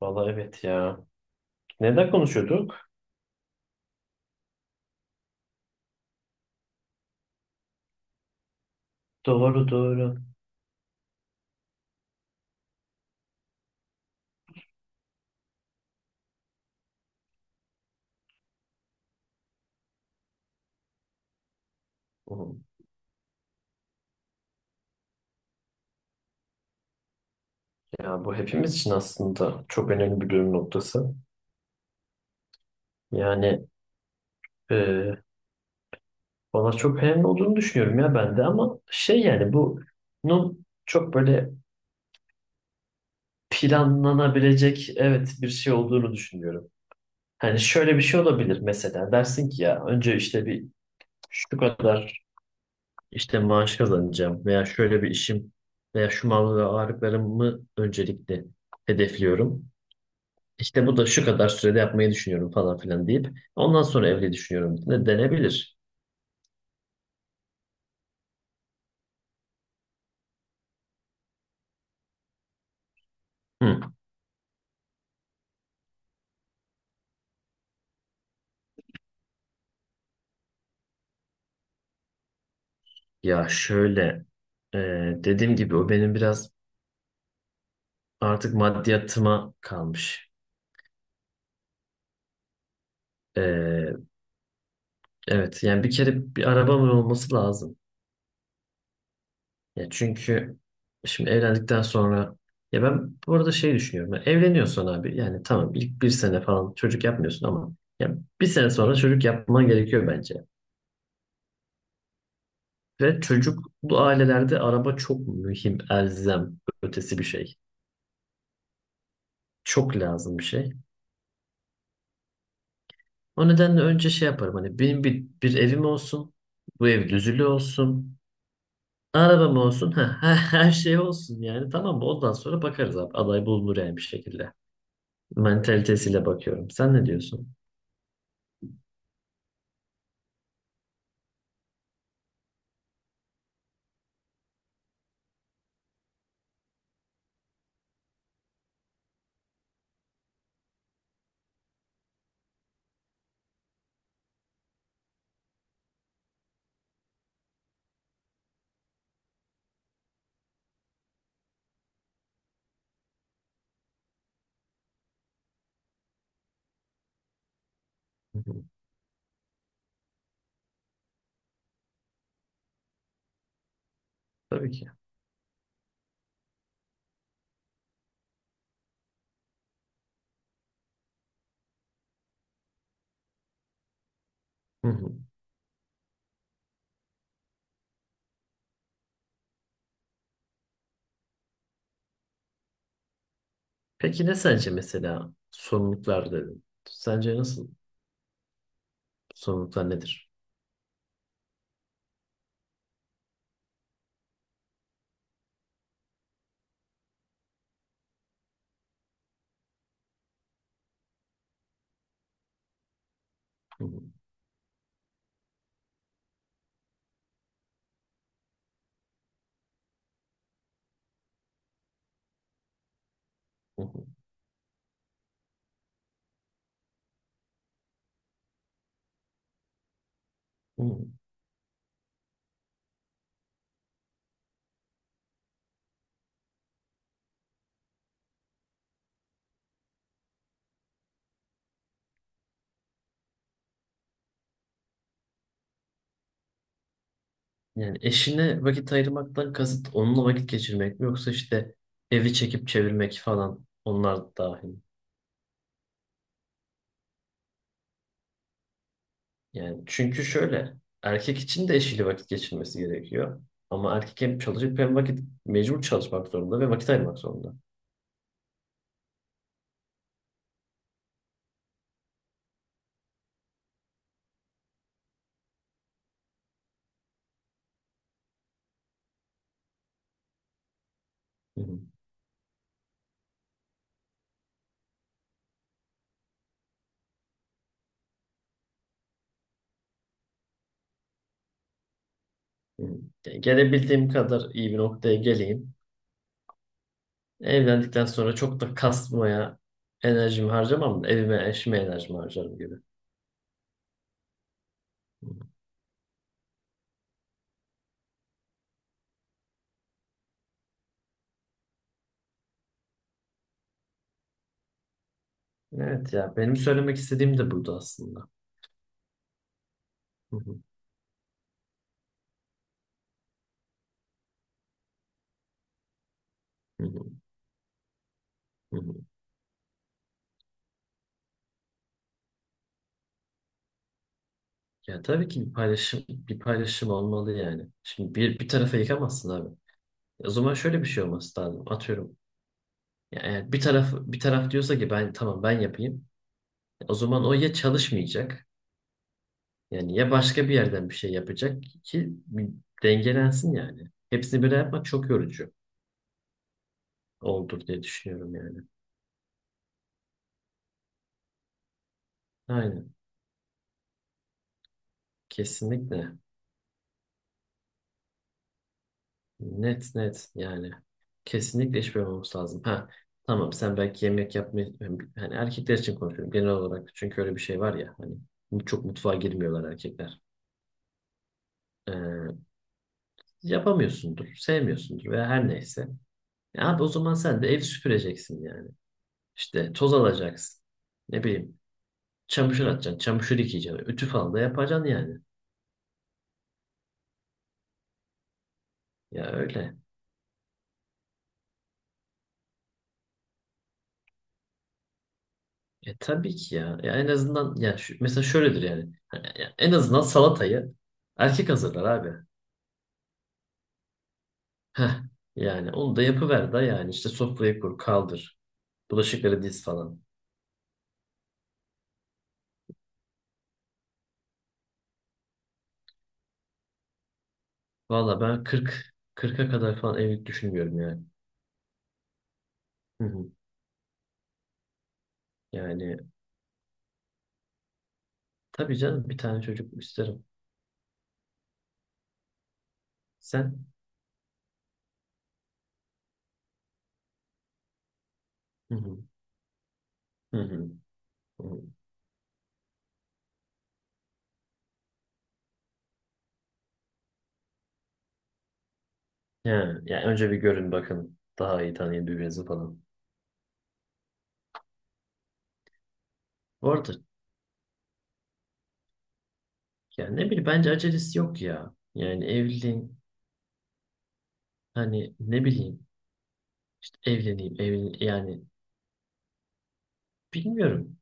Valla evet ya. Neden konuşuyorduk? Doğru doğru. Hı. Ya bu hepimiz için aslında çok önemli bir dönüm noktası. Yani e, bana çok önemli olduğunu düşünüyorum ya ben de ama şey yani bunun çok böyle planlanabilecek evet bir şey olduğunu düşünüyorum. Hani şöyle bir şey olabilir mesela dersin ki ya önce işte bir şu kadar işte maaş kazanacağım veya şöyle bir işim veya şu mal ve varlıklarımı öncelikle hedefliyorum. İşte bu da şu kadar sürede yapmayı düşünüyorum falan filan deyip ondan sonra evli düşünüyorum de denebilir. Hı. Ya şöyle e, dediğim gibi o benim biraz artık maddiyatıma kalmış. E, evet yani bir kere bir arabamın olması lazım. Ya çünkü şimdi evlendikten sonra ya ben bu arada şey düşünüyorum. Ya evleniyorsun abi yani tamam ilk bir sene falan çocuk yapmıyorsun ama ya bir sene sonra çocuk yapman gerekiyor bence. Ve çocuklu ailelerde araba çok mühim, elzem, ötesi bir şey. Çok lazım bir şey. O nedenle önce şey yaparım hani benim bir evim olsun, bu ev düzülü olsun, arabam olsun, ha, her şey olsun yani tamam mı? Ondan sonra bakarız abi aday bulunur yani bir şekilde. Mentalitesiyle bakıyorum. Sen ne diyorsun? Hı hı. Tabii ki. Hı hı. Peki ne sence mesela sorumluluklar dedin? Sence nasıl sorumluluklar nedir? Hı. Hı hı. Hı hı. Yani eşine vakit ayırmaktan kasıt onunla vakit geçirmek mi yoksa işte evi çekip çevirmek falan onlar dahil. Yani çünkü şöyle erkek için de eşiyle vakit geçirmesi gerekiyor. Ama erkek hem çalışıp hem vakit mecbur çalışmak zorunda ve vakit ayırmak zorunda. Hı hı. Hı. Yani gelebildiğim kadar iyi bir noktaya geleyim. Evlendikten sonra çok da kasmaya enerjimi harcamam da evime eşime enerjimi harcarım gibi. Hı. Evet ya benim söylemek istediğim de buydu aslında. Hı hı. Hı hı. Hı hı. Ya tabii ki bir paylaşım bir paylaşım olmalı yani. Şimdi bir tarafa yıkamazsın abi. O zaman şöyle bir şey olması lazım. Atıyorum. Ya eğer bir taraf bir taraf diyorsa ki ben tamam ben yapayım. O zaman o ya çalışmayacak yani ya başka bir yerden bir şey yapacak ki bir dengelensin yani. Hepsini böyle yapmak çok yorucu olur diye düşünüyorum yani. Aynen. Kesinlikle. Net net yani. Kesinlikle iş bölümü lazım. Ha tamam sen belki yemek yapmayı hani erkekler için konuşuyorum genel olarak çünkü öyle bir şey var ya hani çok mutfağa girmiyorlar erkekler. Ee, yapamıyorsundur, sevmiyorsundur veya her neyse. E abi o zaman sen de ev süpüreceksin yani. İşte toz alacaksın. Ne bileyim çamaşır atacaksın, çamaşır yıkayacaksın. Ütü falan da yapacaksın yani. Ya öyle. E tabii ki ya. Ya en azından ya şu, mesela şöyledir yani. Hani ya en azından salatayı erkek hazırlar abi. Heh. Yani onu da yapıver da yani işte sofrayı kur, kaldır. Bulaşıkları diz falan. Valla ben 40'a kadar falan evlilik düşünmüyorum yani. Hı hı. Yani tabii canım bir tane çocuk isterim. Sen? Hı hı. Hı hı. Hı. Hı. Ya, yani önce bir görün bakın. Daha iyi tanıyın birbirinizi falan. Bu arada yani ne bileyim bence acelesi yok ya. Yani evliliğin hani ne bileyim evleneyim evlen yani bilmiyorum.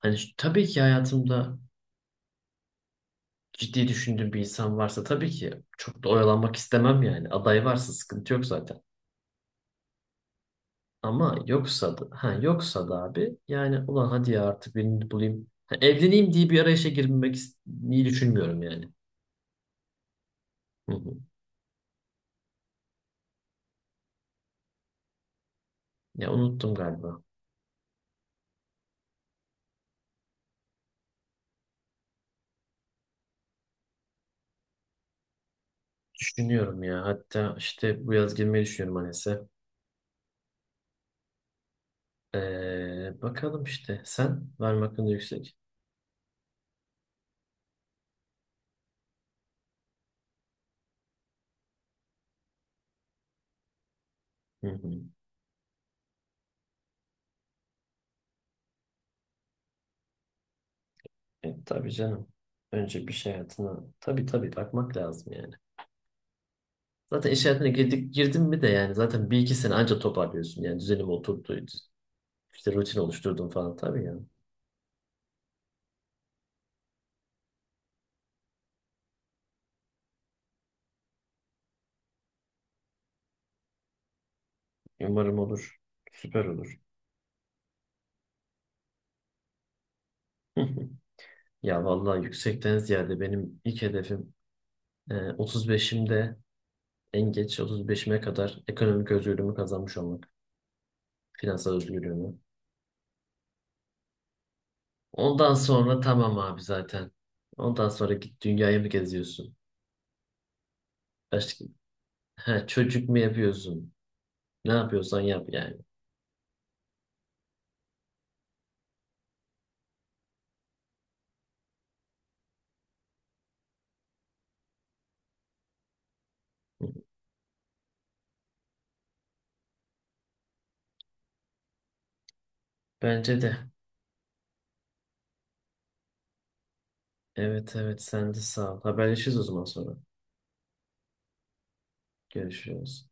Hani şu- tabii ki hayatımda ciddi düşündüğüm bir insan varsa tabii ki çok da oyalanmak istemem yani. Aday varsa sıkıntı yok zaten. Ama yoksa da ha yoksa da abi yani ulan hadi ya artık birini bulayım. Ha, evleneyim diye bir arayışa girmek is- iyi düşünmüyorum yani. Hı hı. Ya unuttum galiba. Düşünüyorum ya. Hatta işte bu yaz girmeyi düşünüyorum Anes'e. Bakalım işte. Sen var mı hakkında yüksek? Hı hı. Tabii canım. Önce bir şey hayatına tabii tabii bakmak lazım yani. Zaten iş hayatına girdin mi de yani zaten bir iki sene anca toparlıyorsun. Yani düzenim oturdu. İşte rutin oluşturdum falan tabii yani. Umarım olur. Süper olur. Ya vallahi yüksekten ziyade benim ilk hedefim 35'imde en geç 35'ime kadar ekonomik özgürlüğümü kazanmış olmak. Finansal özgürlüğümü. Ondan sonra tamam abi zaten. Ondan sonra git dünyayı mı geziyorsun? Başka, ha, çocuk mu yapıyorsun? Ne yapıyorsan yap yani. Bence de. Evet evet sen de sağ ol. Haberleşiriz o zaman sonra. Görüşürüz.